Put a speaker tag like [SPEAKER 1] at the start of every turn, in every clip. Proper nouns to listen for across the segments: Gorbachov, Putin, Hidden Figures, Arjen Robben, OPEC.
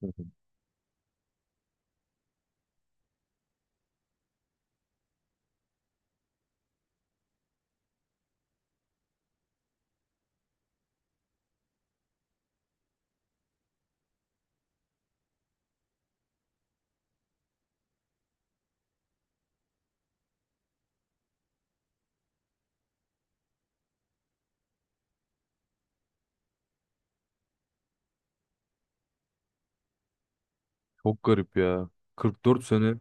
[SPEAKER 1] Hı hı. Çok garip ya. 44 sene.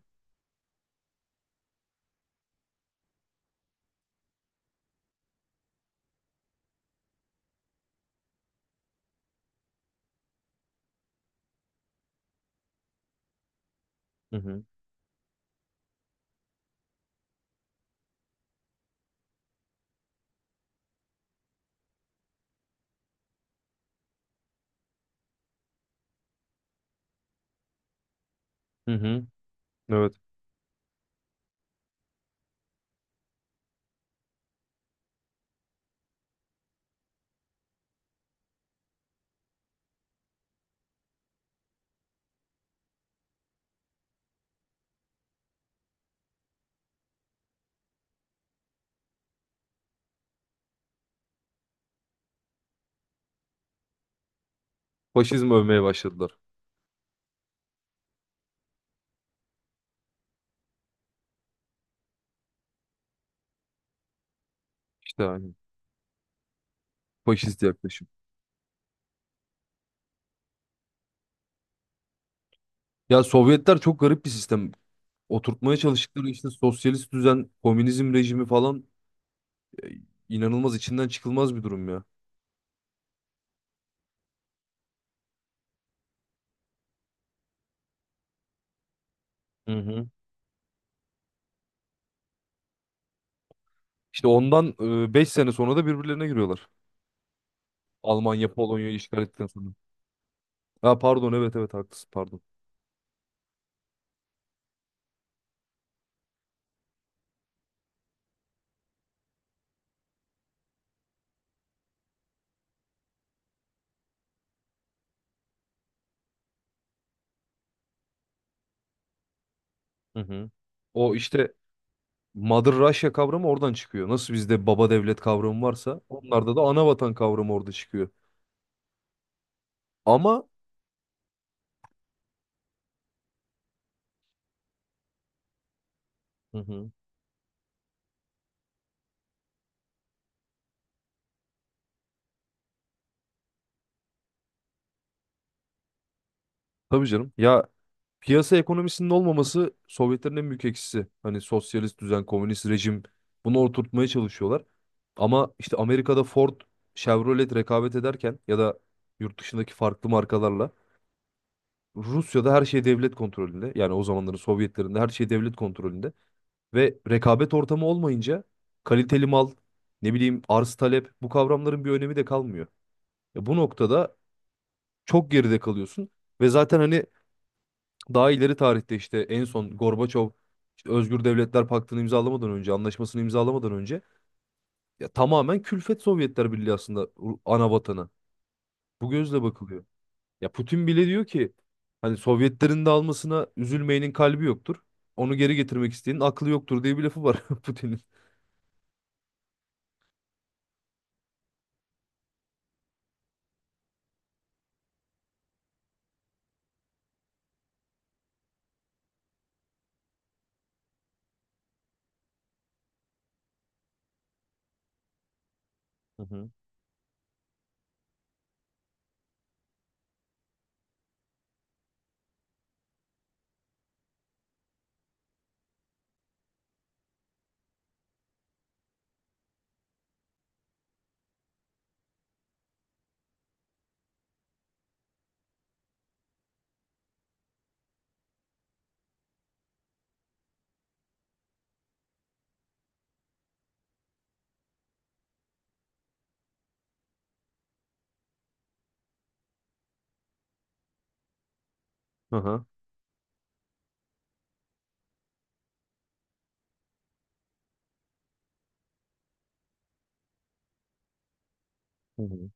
[SPEAKER 1] Hı hı. Hı hı. Evet. Faşizm övmeye başladılar. İşte hani faşist yaklaşım. Ya Sovyetler çok garip bir sistem. Oturtmaya çalıştıkları işte sosyalist düzen, komünizm rejimi falan e, inanılmaz içinden çıkılmaz bir durum ya. Hı hı. İşte ondan 5 sene sonra da birbirlerine giriyorlar. Almanya Polonya'yı işgal ettikten sonra. Ha pardon, evet evet haklısın, pardon. Hı hı. O işte Mother Russia kavramı oradan çıkıyor. Nasıl bizde baba devlet kavramı varsa onlarda da ana vatan kavramı orada çıkıyor. Ama. Hı hı. Tabii canım ya, piyasa ekonomisinin olmaması Sovyetlerin en büyük eksisi. Hani sosyalist düzen, komünist rejim, bunu oturtmaya çalışıyorlar. Ama işte Amerika'da Ford, Chevrolet rekabet ederken ya da yurt dışındaki farklı markalarla, Rusya'da her şey devlet kontrolünde. Yani o zamanların Sovyetlerinde her şey devlet kontrolünde. Ve rekabet ortamı olmayınca kaliteli mal, ne bileyim, arz talep, bu kavramların bir önemi de kalmıyor. Ya bu noktada çok geride kalıyorsun ve zaten hani daha ileri tarihte işte en son Gorbaçov işte Özgür Devletler Paktı'nı imzalamadan önce, anlaşmasını imzalamadan önce, ya tamamen külfet Sovyetler Birliği aslında, ana vatanı. Bu gözle bakılıyor. Ya Putin bile diyor ki hani Sovyetlerin de almasına üzülmeyenin kalbi yoktur. Onu geri getirmek isteyenin aklı yoktur diye bir lafı var Putin'in. Hı hı. Aha. Hı hı.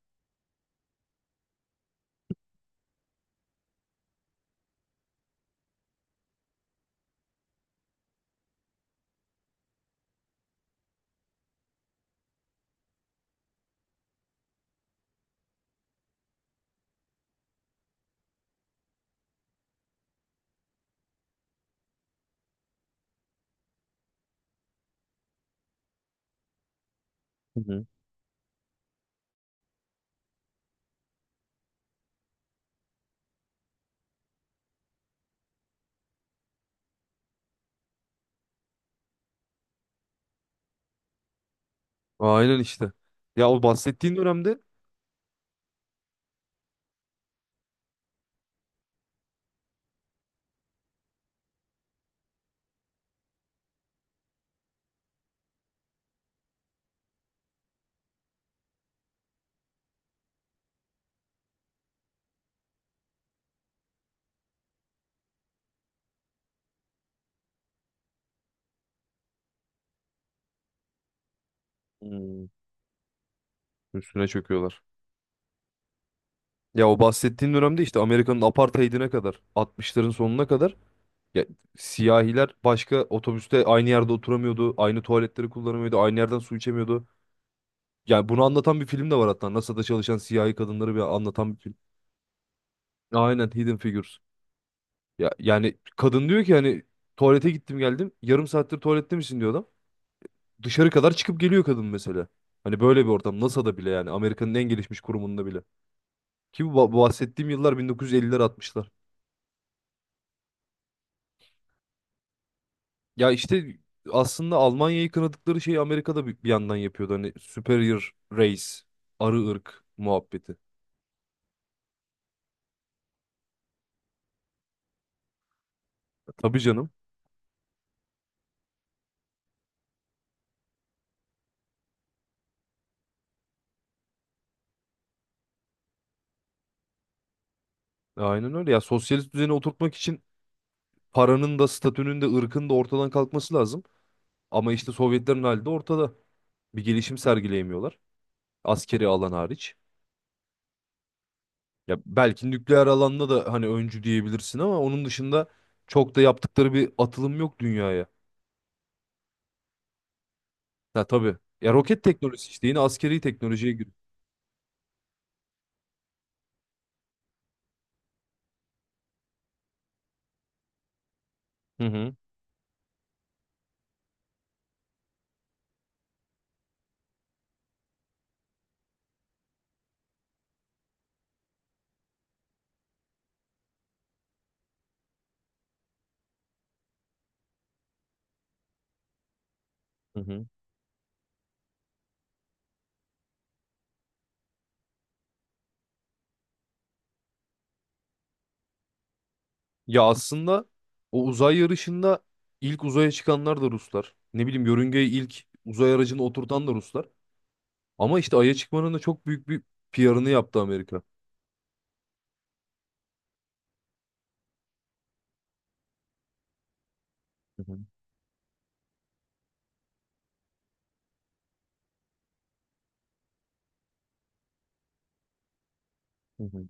[SPEAKER 1] Hı hı. Aynen işte. Ya o bahsettiğin dönemde. Hmm. Üstüne çöküyorlar. Ya o bahsettiğin dönemde işte Amerika'nın apartheidine kadar, altmışların sonuna kadar, ya siyahiler başka otobüste aynı yerde oturamıyordu, aynı tuvaletleri kullanamıyordu, aynı yerden su içemiyordu. Yani bunu anlatan bir film de var hatta. NASA'da çalışan siyahi kadınları bir anlatan bir film. Aynen, Hidden Figures. Ya yani kadın diyor ki, hani tuvalete gittim geldim. Yarım saattir tuvalette misin, diyor adam. Dışarı kadar çıkıp geliyor kadın mesela. Hani böyle bir ortam NASA'da bile, yani Amerika'nın en gelişmiş kurumunda bile. Ki bu bahsettiğim yıllar 1950'ler, 60'lar. Ya işte aslında Almanya'yı kınadıkları şeyi Amerika'da bir yandan yapıyordu. Hani superior race, arı ırk muhabbeti. Tabii canım. Aynen öyle. Ya sosyalist düzeni oturtmak için paranın da, statünün de, ırkın da ortadan kalkması lazım. Ama işte Sovyetlerin hali de ortada. Bir gelişim sergileyemiyorlar. Askeri alan hariç. Ya belki nükleer alanda da hani öncü diyebilirsin ama onun dışında çok da yaptıkları bir atılım yok dünyaya. Ha tabii. Ya roket teknolojisi işte yine askeri teknolojiye giriyor. Hı hı. Hı hı. Ya aslında o uzay yarışında ilk uzaya çıkanlar da Ruslar. Ne bileyim, yörüngeye ilk uzay aracını oturtan da Ruslar. Ama işte Ay'a çıkmanın da çok büyük bir PR'ını yaptı Amerika. Hı hı. Hı hı.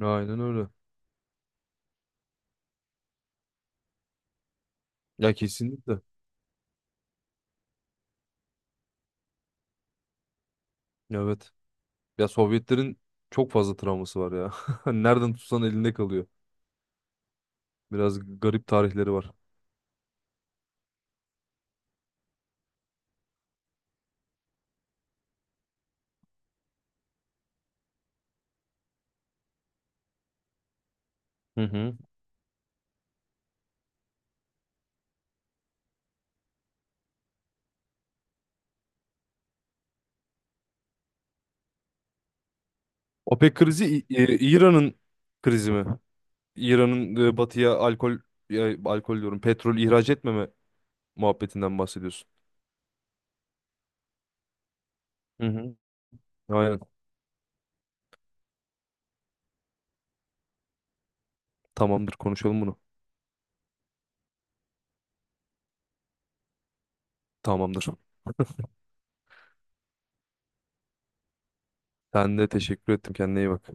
[SPEAKER 1] Aynen öyle. Ya kesinlikle. Evet. Ya Sovyetlerin çok fazla travması var ya. Nereden tutsan elinde kalıyor. Biraz garip tarihleri var. Hı hı. OPEC krizi İran'ın krizi mi? İran'ın batıya alkol, ya, alkol diyorum, petrol ihraç etmeme muhabbetinden bahsediyorsun. Hı hı. Aynen. Tamamdır, konuşalım bunu. Tamamdır. Ben de teşekkür ettim. Kendine iyi bak.